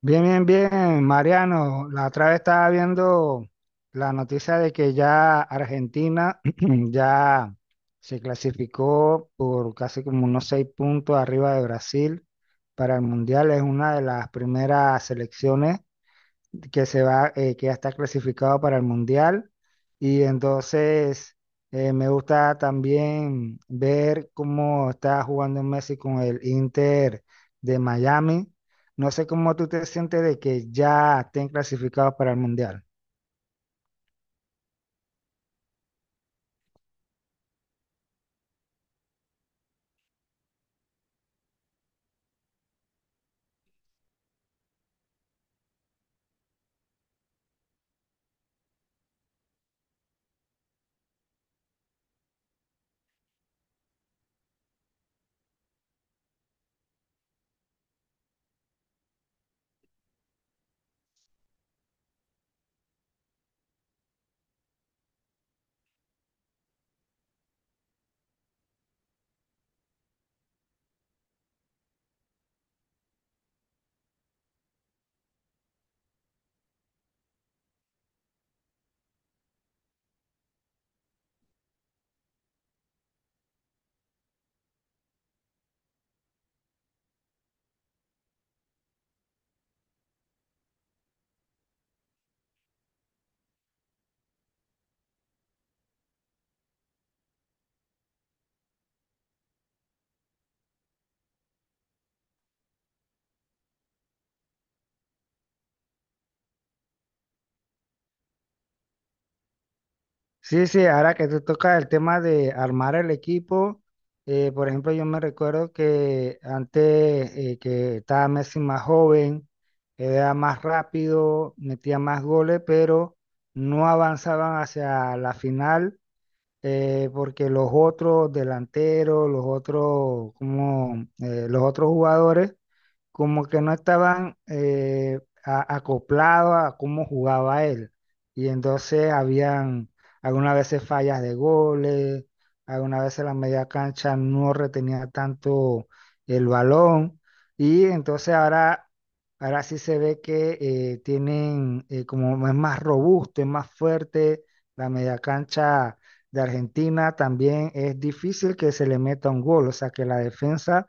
Bien, bien, bien, Mariano. La otra vez estaba viendo la noticia de que ya Argentina ya se clasificó por casi como unos seis puntos arriba de Brasil para el Mundial. Es una de las primeras selecciones que se va, que ya está clasificado para el Mundial. Y entonces me gusta también ver cómo está jugando Messi con el Inter de Miami. No sé cómo tú te sientes de que ya estén clasificados para el Mundial. Sí, sí, ahora que tú tocas el tema de armar el equipo, por ejemplo, yo me recuerdo que antes que estaba Messi más joven, era más rápido, metía más goles, pero no avanzaban hacia la final porque los otros delanteros, los otros, como, los otros jugadores como que no estaban acoplados a cómo jugaba él. Y entonces habían algunas veces fallas de goles, algunas veces la media cancha no retenía tanto el balón. Y entonces ahora, ahora sí se ve que tienen, como es más robusto, es más fuerte, la media cancha de Argentina también es difícil que se le meta un gol, o sea que la defensa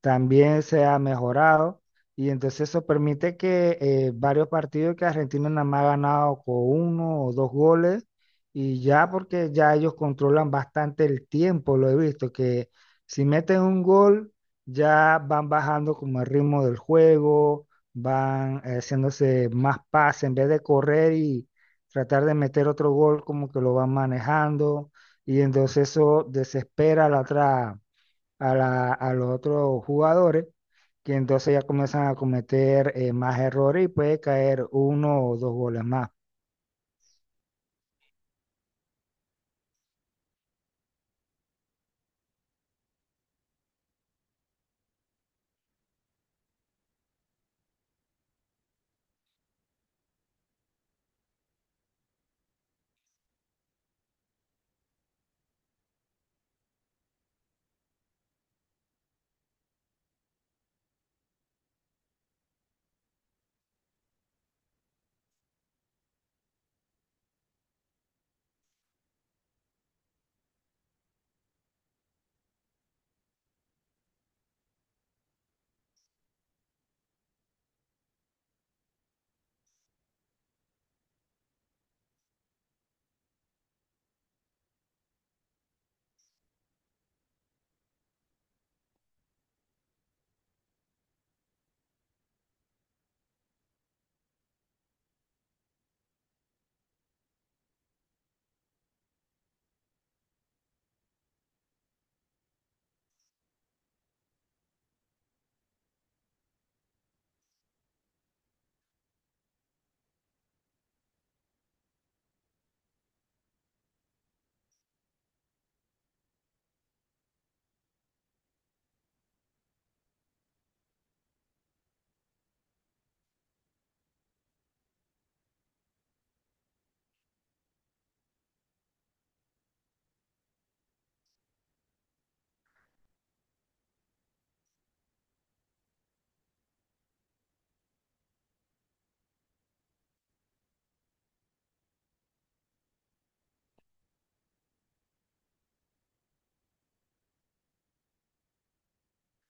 también se ha mejorado y entonces eso permite que varios partidos que Argentina nada más ha ganado con uno o dos goles y ya porque ya ellos controlan bastante el tiempo, lo he visto, que si meten un gol ya van bajando como el ritmo del juego, van haciéndose más pases en vez de correr y tratar de meter otro gol como que lo van manejando y entonces eso desespera a la otra a, a los otros jugadores, que entonces ya comienzan a cometer más errores y puede caer uno o dos goles más.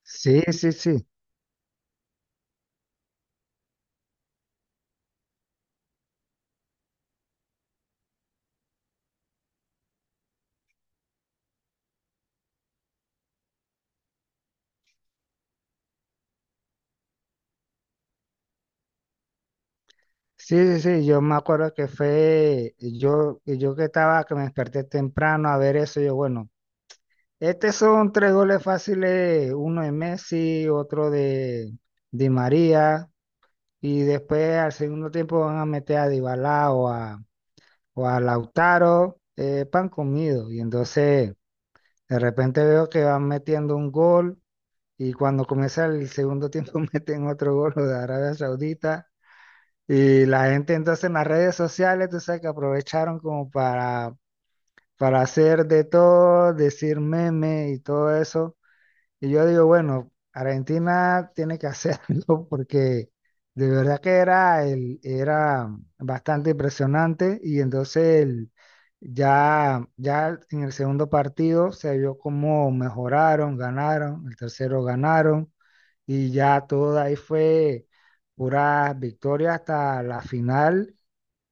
Sí, sí, sí. Sí, sí, sí, yo me acuerdo que fue, yo, que estaba, que me desperté temprano a ver eso, yo, bueno, estos son tres goles fáciles, uno de Messi, otro de Di María, y después al segundo tiempo van a meter a Dybala o a Lautaro, pan comido, y entonces de repente veo que van metiendo un gol y cuando comienza el segundo tiempo meten otro gol lo de Arabia Saudita y la gente entonces en las redes sociales, tú sabes que aprovecharon como para hacer de todo, decir meme y todo eso. Y yo digo, bueno, Argentina tiene que hacerlo porque de verdad que era, el, era bastante impresionante y entonces ya, ya en el segundo partido se vio cómo mejoraron, ganaron, el tercero ganaron y ya todo ahí fue pura victoria hasta la final,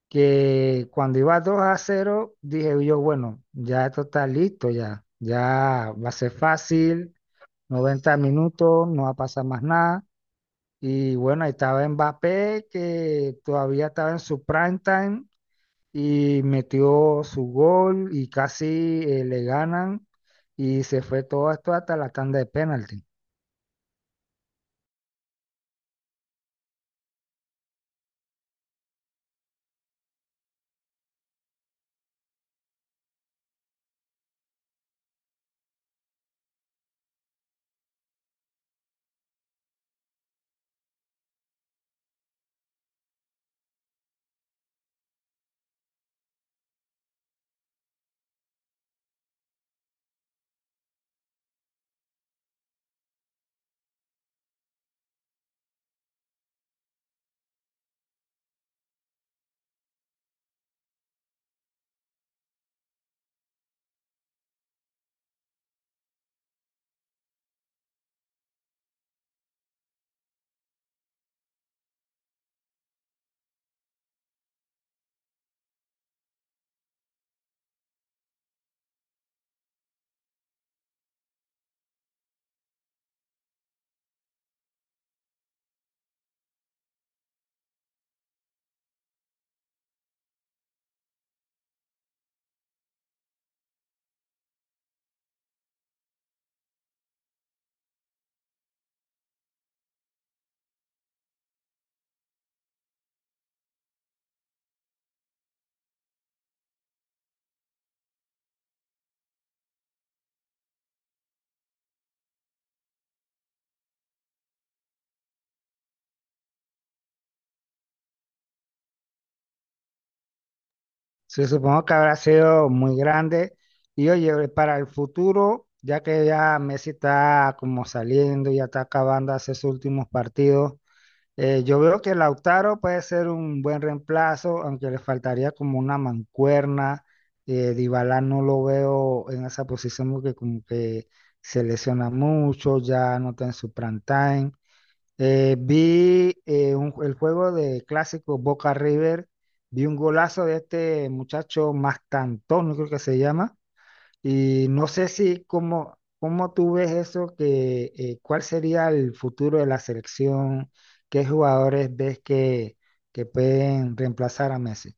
que cuando iba 2 a cero dije yo, bueno, ya esto está listo, ya, ya va a ser fácil, 90 minutos, no va a pasar más nada. Y bueno, ahí estaba Mbappé, que todavía estaba en su prime time y metió su gol y casi le ganan y se fue todo esto hasta la tanda de penalti. Se supongo que habrá sido muy grande. Y oye, para el futuro, ya que ya Messi está como saliendo, ya está acabando hace sus últimos partidos, yo veo que Lautaro puede ser un buen reemplazo, aunque le faltaría como una mancuerna. Dybala no lo veo en esa posición porque como que se lesiona mucho, ya no está en su prime time. El juego de clásico Boca River, vi un golazo de este muchacho Mastantón, no creo que se llama, y no sé si cómo, cómo tú ves eso, que cuál sería el futuro de la selección, qué jugadores ves que pueden reemplazar a Messi.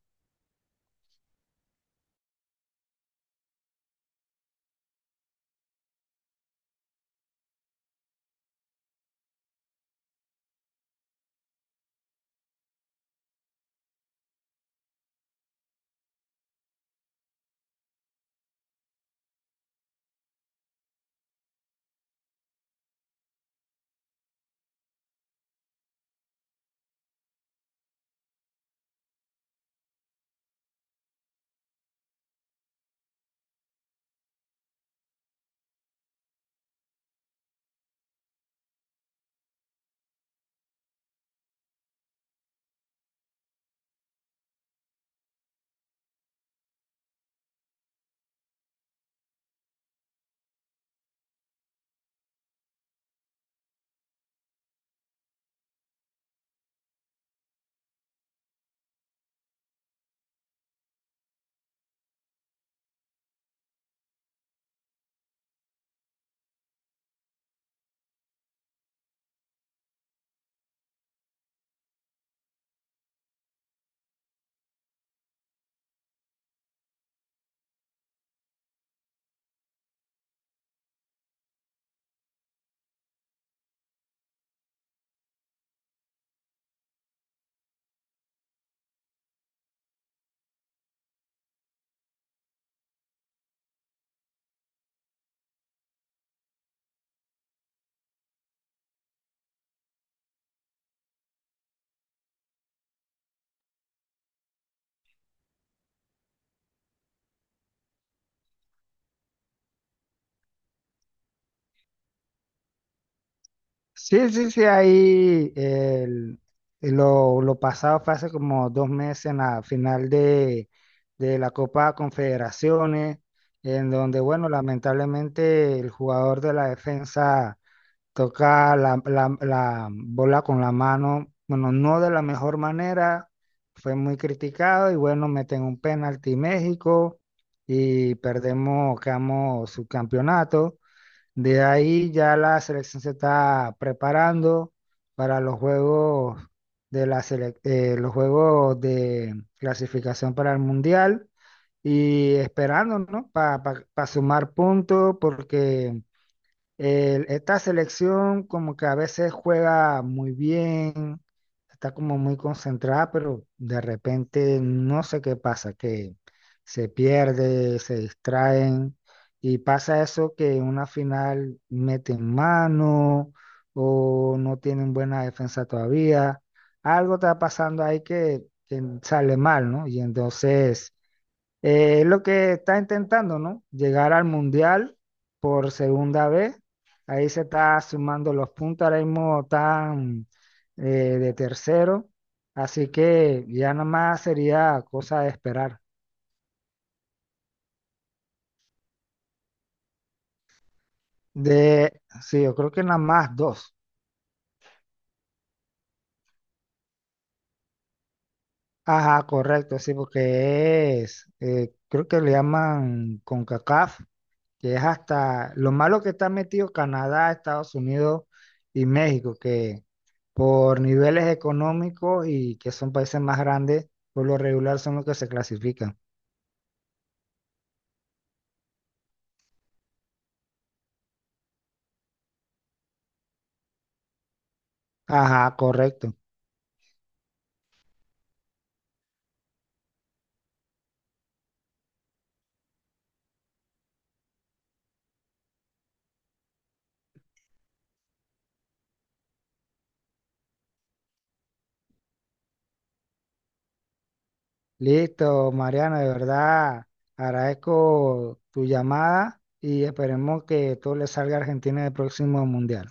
Sí, sí, sí, ahí lo pasado fue hace como dos meses en la final de la Copa Confederaciones, en donde, bueno, lamentablemente el jugador de la defensa toca la, la bola con la mano, bueno, no de la mejor manera, fue muy criticado y bueno, meten un penalti México y perdemos, quedamos subcampeonato. De ahí ya la selección se está preparando para los juegos de la los juegos de clasificación para el Mundial y esperando, ¿no? Para sumar puntos porque esta selección como que a veces juega muy bien, está como muy concentrada, pero de repente no sé qué pasa, que se pierde, se distraen y pasa eso que en una final meten mano o no tienen buena defensa todavía. Algo está pasando ahí que sale mal, ¿no? Y entonces... Es lo que está intentando, ¿no? Llegar al Mundial por segunda vez. Ahí se está sumando los puntos, ahora mismo están eh, de tercero. Así que ya nada más sería cosa de esperar. De, sí, yo creo que nada más dos. Ajá, correcto, sí, porque es, creo que le llaman CONCACAF, que es hasta lo malo que está metido Canadá, Estados Unidos y México, que por niveles económicos y que son países más grandes, por lo regular son los que se clasifican. Ajá, correcto. Listo, Mariana, de verdad agradezco tu llamada y esperemos que todo le salga a Argentina en el próximo mundial.